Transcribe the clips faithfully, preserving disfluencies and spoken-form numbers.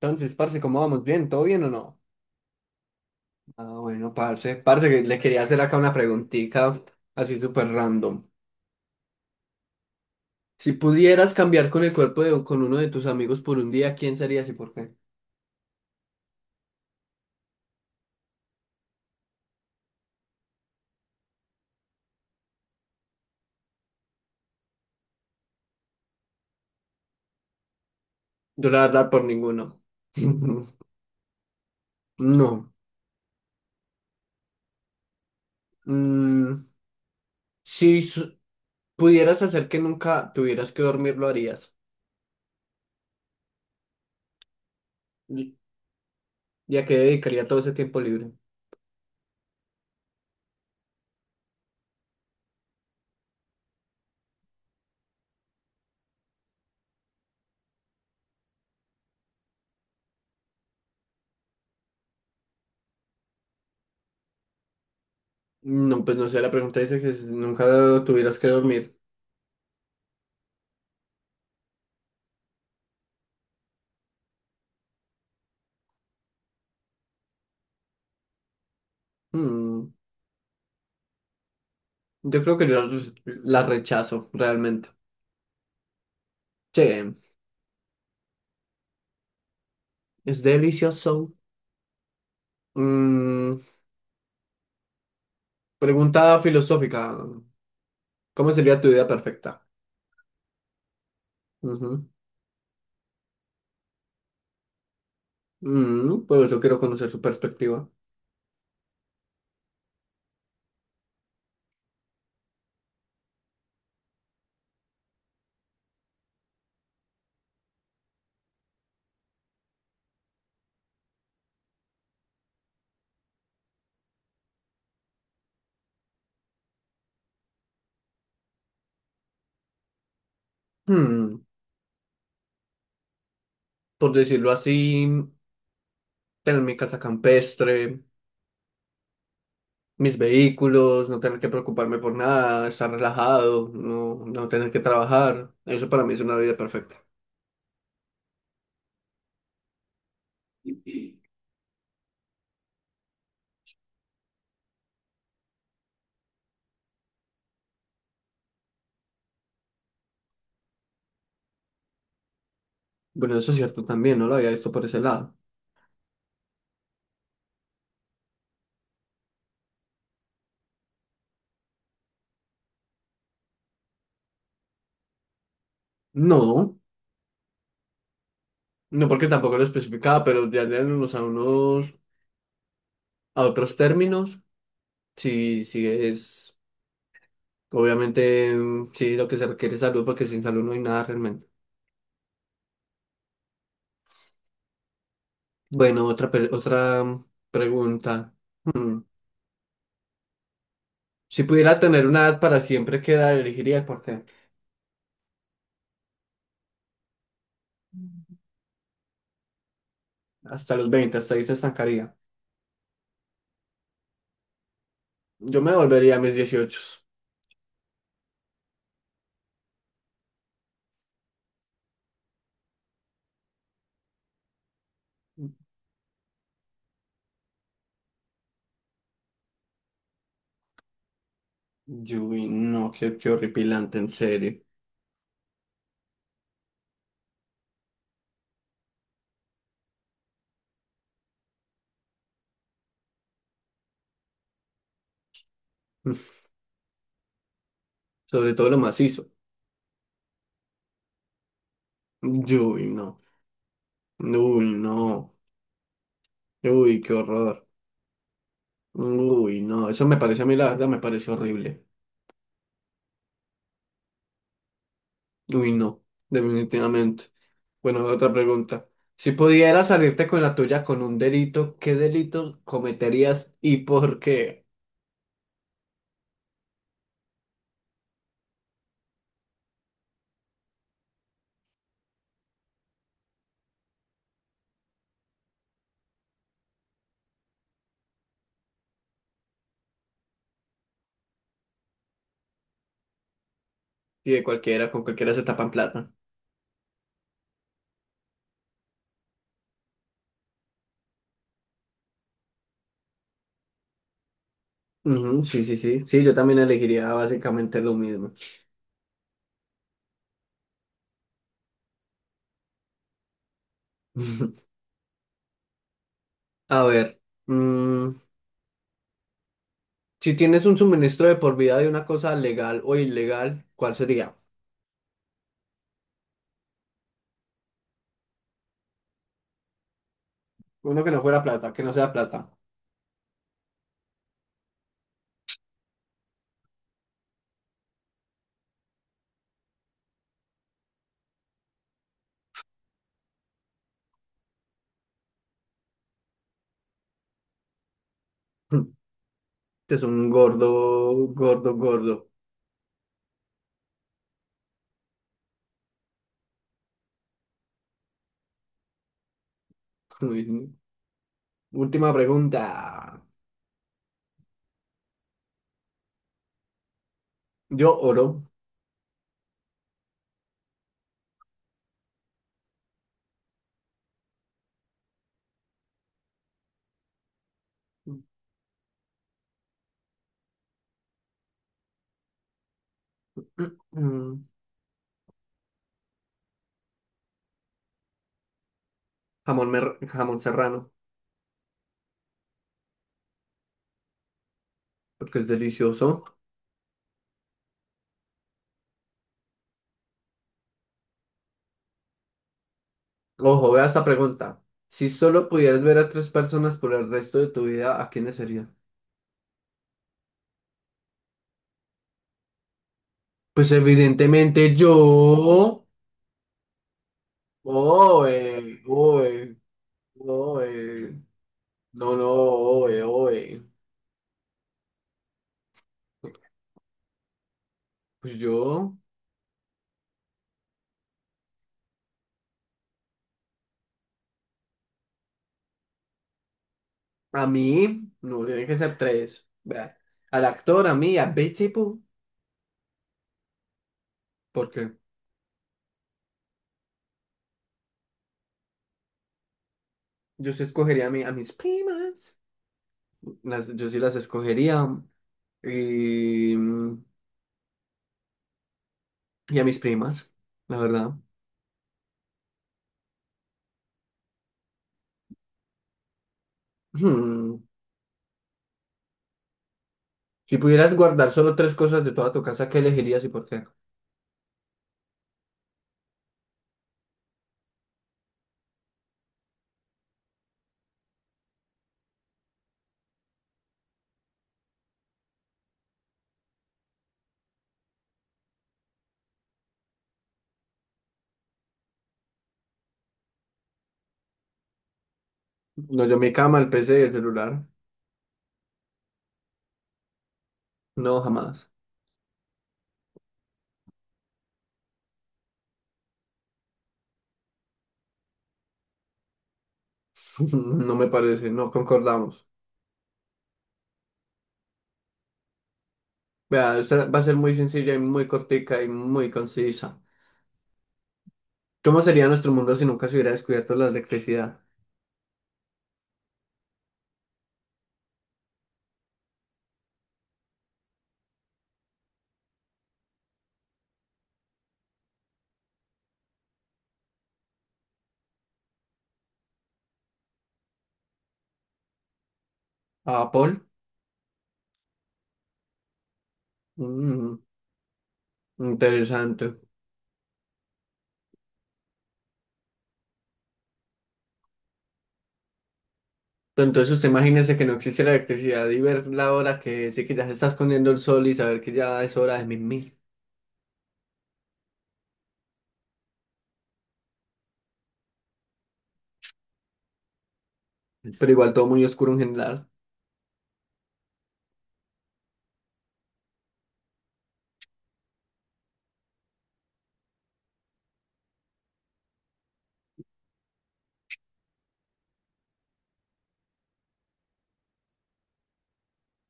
Entonces, parce, ¿cómo vamos? ¿Bien? ¿Todo bien o no? Ah, bueno, parce. Parce, que le quería hacer acá una preguntita así súper random. Si pudieras cambiar con el cuerpo de con uno de tus amigos por un día, ¿quién serías y por qué? Yo la verdad por ninguno. No. Mm, si su- Pudieras hacer que nunca tuvieras que dormir, ¿lo harías? ¿Y y a qué dedicaría todo ese tiempo libre? No, pues no sé, la pregunta dice que si nunca tuvieras que dormir. Mm, yo creo que yo la rechazo realmente. Sí, es delicioso. Mm, Pregunta filosófica. ¿Cómo sería tu vida perfecta? Ujú. Mm, pues yo quiero conocer su perspectiva. Hmm, por decirlo así, tener mi casa campestre, mis vehículos, no tener que preocuparme por nada, estar relajado, no, no tener que trabajar. Eso para mí es una vida perfecta. Bueno, eso es cierto también, no lo había visto por ese lado. No, no porque tampoco lo especificaba, pero ya en unos a unos a otros términos. Sí, sí, es obviamente, mm, sí, lo que se requiere es salud, porque sin salud no hay nada realmente. Bueno, otra, per- otra mm, pregunta. Mm, Si pudiera tener una edad para siempre, ¿qué edad elegiría? Porque hasta los veinte hasta ahí se estancaría. Yo me volvería a mis dieciocho. Yui, no, qué, qué horripilante, en serio. Sobre todo lo macizo. Uy, no. Uy, no. Uy, qué horror. Uy, no. Eso me parece a mí, la verdad, me parece horrible. Uy, no, definitivamente. Bueno, otra pregunta. Si pudieras salirte con la tuya con un delito, ¿qué delito cometerías y por qué? Y de cualquiera, con cualquiera se tapan plata. Ujú, sí, sí, sí. Sí, yo también elegiría básicamente lo mismo. A ver, mm, si tienes un suministro de por vida de una cosa legal o ilegal, ¿cuál sería? Uno que no fuera plata, que no sea plata. Este es un gordo, gordo, gordo. Uy, última pregunta. Yo oro. Mm, Jamón, mer- jamón serrano, porque es delicioso. Ojo, vea esta pregunta. Si solo pudieras ver a tres personas por el resto de tu vida, ¿a quiénes serían? Pues evidentemente yo. Oe, oe, oe. No, no, oe, oe. Pues yo, a mí, no, tiene que ser tres. Vea, al actor, a mí, a Betty Boo, porque yo sí escogería a mí, a mis primas. Las, yo sí las escogería. Y, y a mis primas, la verdad. Hmm, Si pudieras guardar solo tres cosas de toda tu casa, ¿qué elegirías y por qué? No, yo mi cama, el P C y el celular. No, jamás. No me parece, no concordamos. Vea, esta va a ser muy sencilla y muy cortica y muy concisa. ¿Cómo sería nuestro mundo si nunca se hubiera descubierto la electricidad? ¿A Paul? Mm, Interesante. Entonces usted imagínese que no existe la electricidad y ver la hora que sí, que ya se está escondiendo el sol y saber que ya es hora de mil. Pero igual todo muy oscuro en general.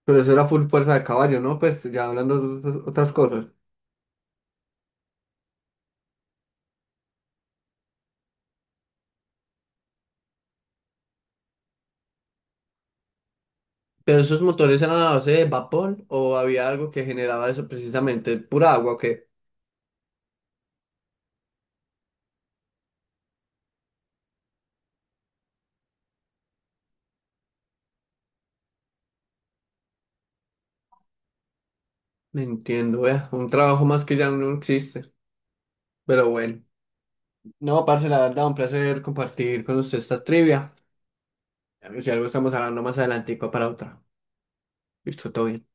Pero eso era full fuerza de caballo, ¿no? Pues ya hablando de otras otras cosas. ¿Pero esos motores eran a base de vapor o había algo que generaba eso precisamente? ¿Pura agua o qué? No entiendo, vea. Un trabajo más que ya no existe. Pero bueno. No, parce, la verdad, un placer compartir con usted esta trivia. Si algo estamos hablando más adelantico para otra. Listo, todo bien.